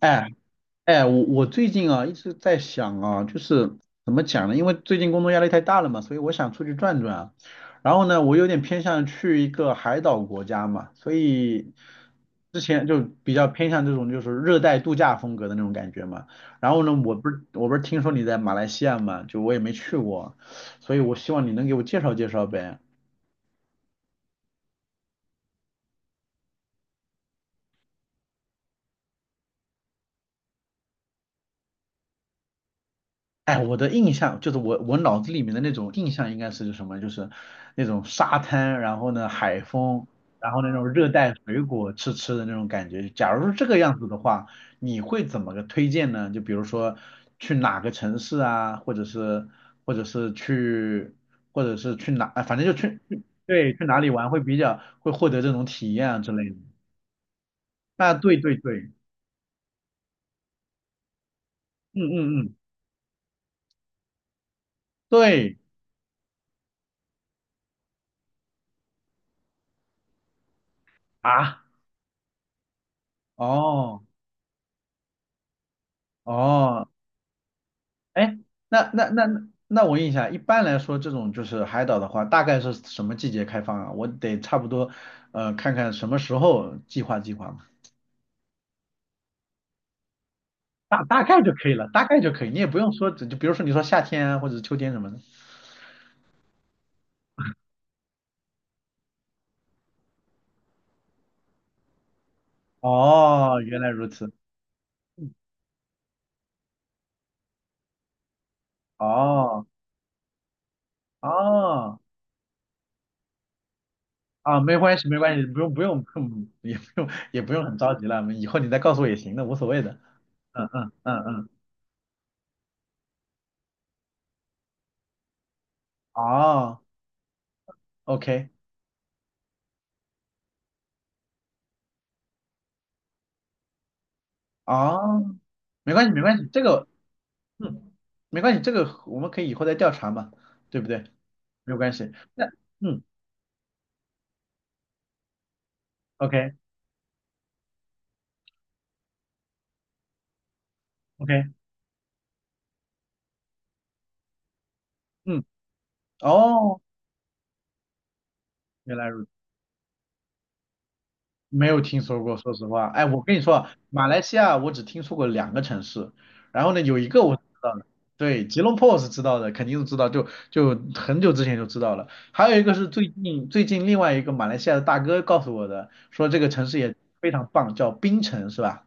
哎哎，我最近啊一直在想啊，就是怎么讲呢？因为最近工作压力太大了嘛，所以我想出去转转啊。然后呢，我有点偏向去一个海岛国家嘛，所以之前就比较偏向这种就是热带度假风格的那种感觉嘛。然后呢，我不是听说你在马来西亚嘛，就我也没去过啊，所以我希望你能给我介绍介绍呗。哎，我的印象就是我脑子里面的那种印象应该是什么？就是那种沙滩，然后呢海风，然后那种热带水果吃吃的那种感觉。假如是这个样子的话，你会怎么个推荐呢？就比如说去哪个城市啊，或者是去或者是去哪，啊反正就去，对，去哪里玩会比较会获得这种体验啊之类的。啊，对对对，嗯嗯嗯，对啊，哦哦，哎，那那那那那我问一下，一般来说这种就是海岛的话，大概是什么季节开放啊？我得差不多，看看什么时候计划计划嘛，大概就可以了，大概就可以，你也不用说，就比如说你说夏天啊，或者秋天什么的。哦，原来如此。哦哦，啊，没关系没关系，不用不用，不用也不用也不用很着急了，以后你再告诉我也行的，无所谓的。嗯嗯嗯嗯，哦，OK，哦，没关系没关系，这个。嗯，没关系，这个我们可以以后再调查嘛，对不对？没有关系。那嗯，OK OK，嗯，哦，原来如此，没有听说过，说实话。哎，我跟你说啊，马来西亚我只听说过两个城市，然后呢，有一个我是知道的，对，吉隆坡我是知道的，肯定是知道，就很久之前就知道了。还有一个是最近另外一个马来西亚的大哥告诉我的，说这个城市也非常棒，叫槟城，是吧？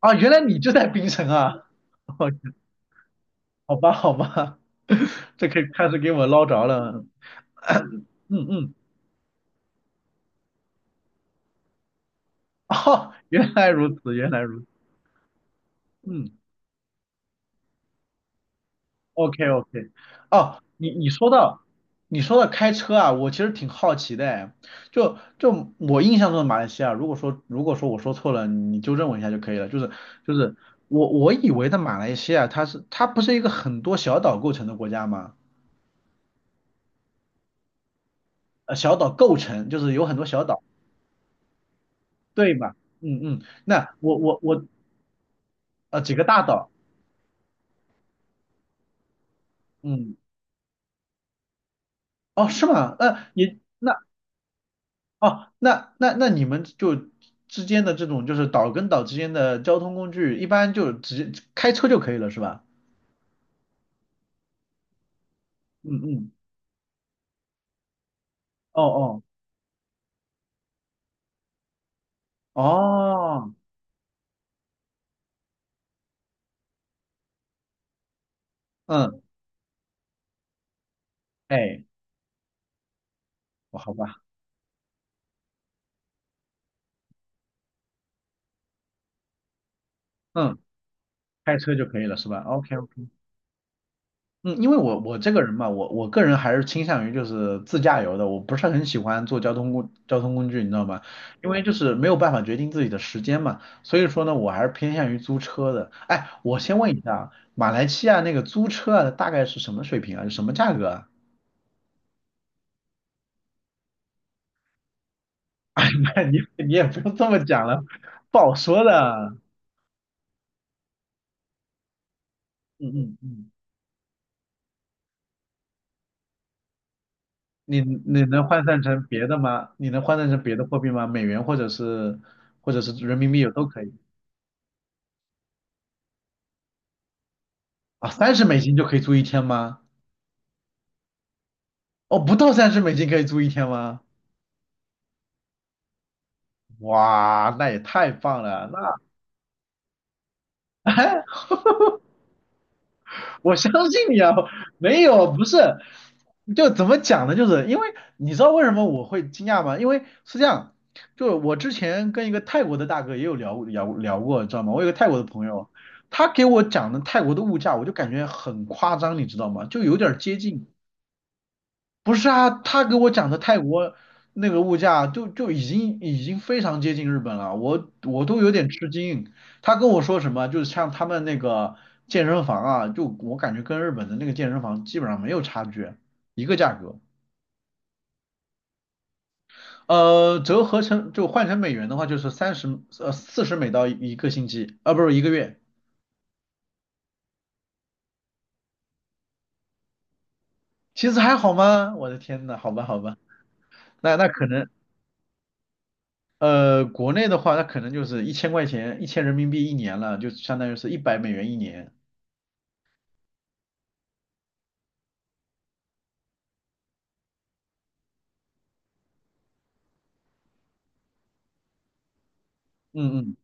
啊，原来你就在槟城啊。好吧，好吧，这可以开始给我捞着了。嗯嗯，哦，原来如此，原来如此。嗯，OK OK。哦，你说到开车啊，我其实挺好奇的哎。就我印象中的马来西亚，如果说我说错了，你纠正我一下就可以了。就是我以为的马来西亚，它不是一个很多小岛构成的国家吗？小岛构成就是有很多小岛，对吧？嗯嗯，那我几个大岛。嗯，哦，是吗？那你那哦，那你们就之间的这种就是岛跟岛之间的交通工具，一般就直接开车就可以了，是吧？嗯嗯，哦哦哦，嗯，哎，我好吧，嗯，开车就可以了，是吧？OK， 嗯，因为我这个人嘛，我个人还是倾向于就是自驾游的，我不是很喜欢坐交通工具，你知道吗？因为就是没有办法决定自己的时间嘛，所以说呢，我还是偏向于租车的。哎，我先问一下啊，马来西亚那个租车啊，大概是什么水平啊？是什么价格啊？你也不用这么讲了，不好说的。嗯嗯嗯，你能换算成别的吗？你能换算成别的货币吗？美元或者是人民币有都可以。啊，三十美金就可以租一天吗？哦，不到三十美金可以住一天吗？哇，那也太棒了！那 我相信你啊，没有，不是，就怎么讲呢？就是因为你知道为什么我会惊讶吗？因为是这样，就是我之前跟一个泰国的大哥也有聊聊过，知道吗？我有个泰国的朋友，他给我讲的泰国的物价，我就感觉很夸张，你知道吗？就有点儿接近。不是啊，他给我讲的泰国那个物价就已经非常接近日本了，我都有点吃惊。他跟我说什么，就是像他们那个健身房啊，就我感觉跟日本的那个健身房基本上没有差距，一个价格。折合成就换成美元的话，就是40美刀一个星期，啊不是一个月。其实还好吗？我的天呐，好吧好吧，那那可能。呃，国内的话，它可能就是1000块钱，1000人民币一年了，就相当于是100美元一年。嗯嗯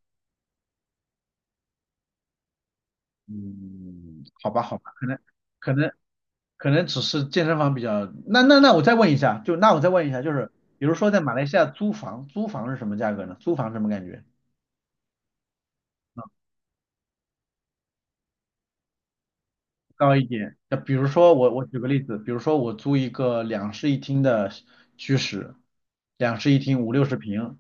嗯，好吧好吧，可能可能只是健身房比较。那我再问一下，就是比如说在马来西亚租房，租房是什么价格呢？租房什么感觉？高一点。那比如说我举个例子，比如说我租一个两室一厅的居室，两室一厅五六十平，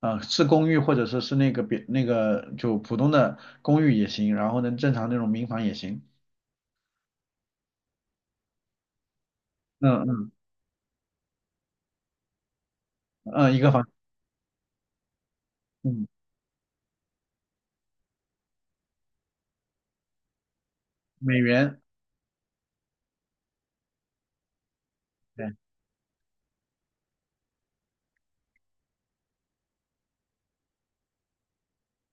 啊，是公寓或者说是那个别那个就普通的公寓也行，然后呢，正常那种民房也行。嗯嗯嗯，一个房，嗯，美元，对，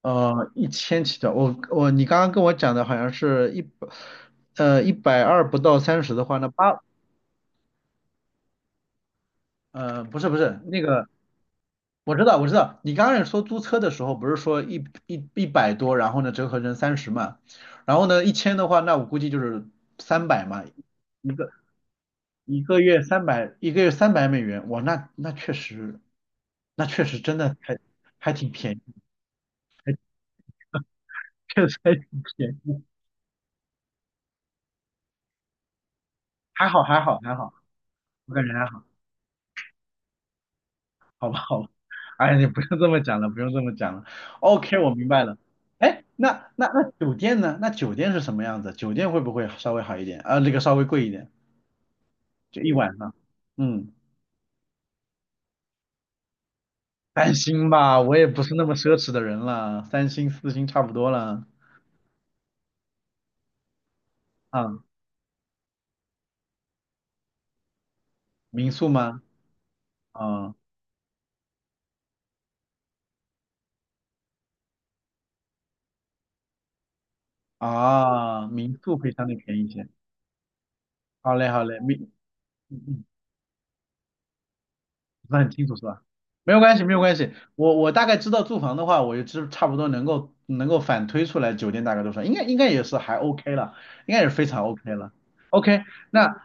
呃，一千起的。我你刚刚跟我讲的好像是一百，120不到三十的话不是不是那个，我知道我知道，你刚开始说租车的时候不是说一百多，然后呢折合成三十嘛，然后呢一千的话，那我估计就是三百嘛。一个。一个月三百，一个月300美元，那确实，真的还挺便宜，确实还挺便宜，还好还好还好，我感觉还好，好吧好吧，哎，你不用这么讲了，不用这么讲了，OK，我明白了。哎，那酒店呢？那酒店是什么样子？酒店会不会稍微好一点？啊，那个稍微贵一点，就一晚上。嗯，三星吧，我也不是那么奢侈的人了，三星四星差不多了。啊，民宿吗？啊。啊，民宿可以相对便宜一些。好嘞，好嘞，没，嗯嗯，不是很清楚是吧？没有关系，没有关系。我大概知道住房的话，我就知差不多能够反推出来酒店大概多少，应该也是还 OK 了，应该也是非常 OK 了。OK，那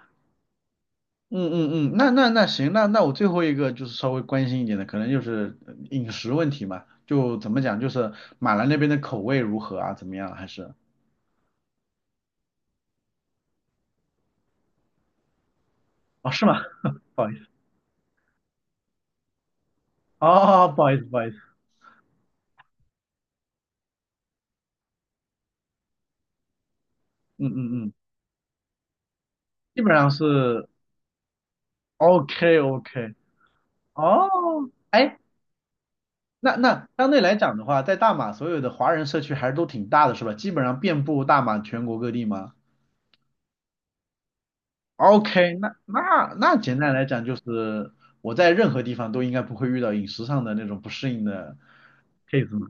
嗯嗯嗯，那行，那我最后一个就是稍微关心一点的，可能就是饮食问题嘛，就怎么讲，就是马来那边的口味如何啊？怎么样啊？还是。哦，是吗？不好意思，哦不好意思不好意思，嗯嗯嗯，基本上是。OK OK，哦，哎，那相对来讲的话，在大马所有的华人社区还是都挺大的，是吧？基本上遍布大马全国各地吗？OK，那简单来讲就是，我在任何地方都应该不会遇到饮食上的那种不适应的 case 嘛。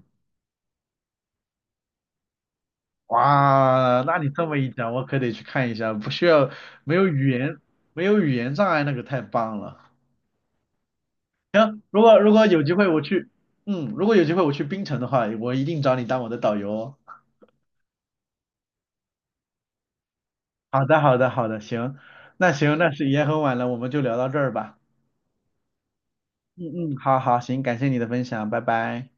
哇，那你这么一讲，我可得去看一下，不需要，没有语言，没有语言障碍，那个太棒了。行，如果有机会我去，嗯，如果有机会我去槟城的话，我一定找你当我的导游哦。好的，好的，好的，行，那行，那是也很晚了，我们就聊到这儿吧。嗯嗯，好好，行，感谢你的分享，拜拜。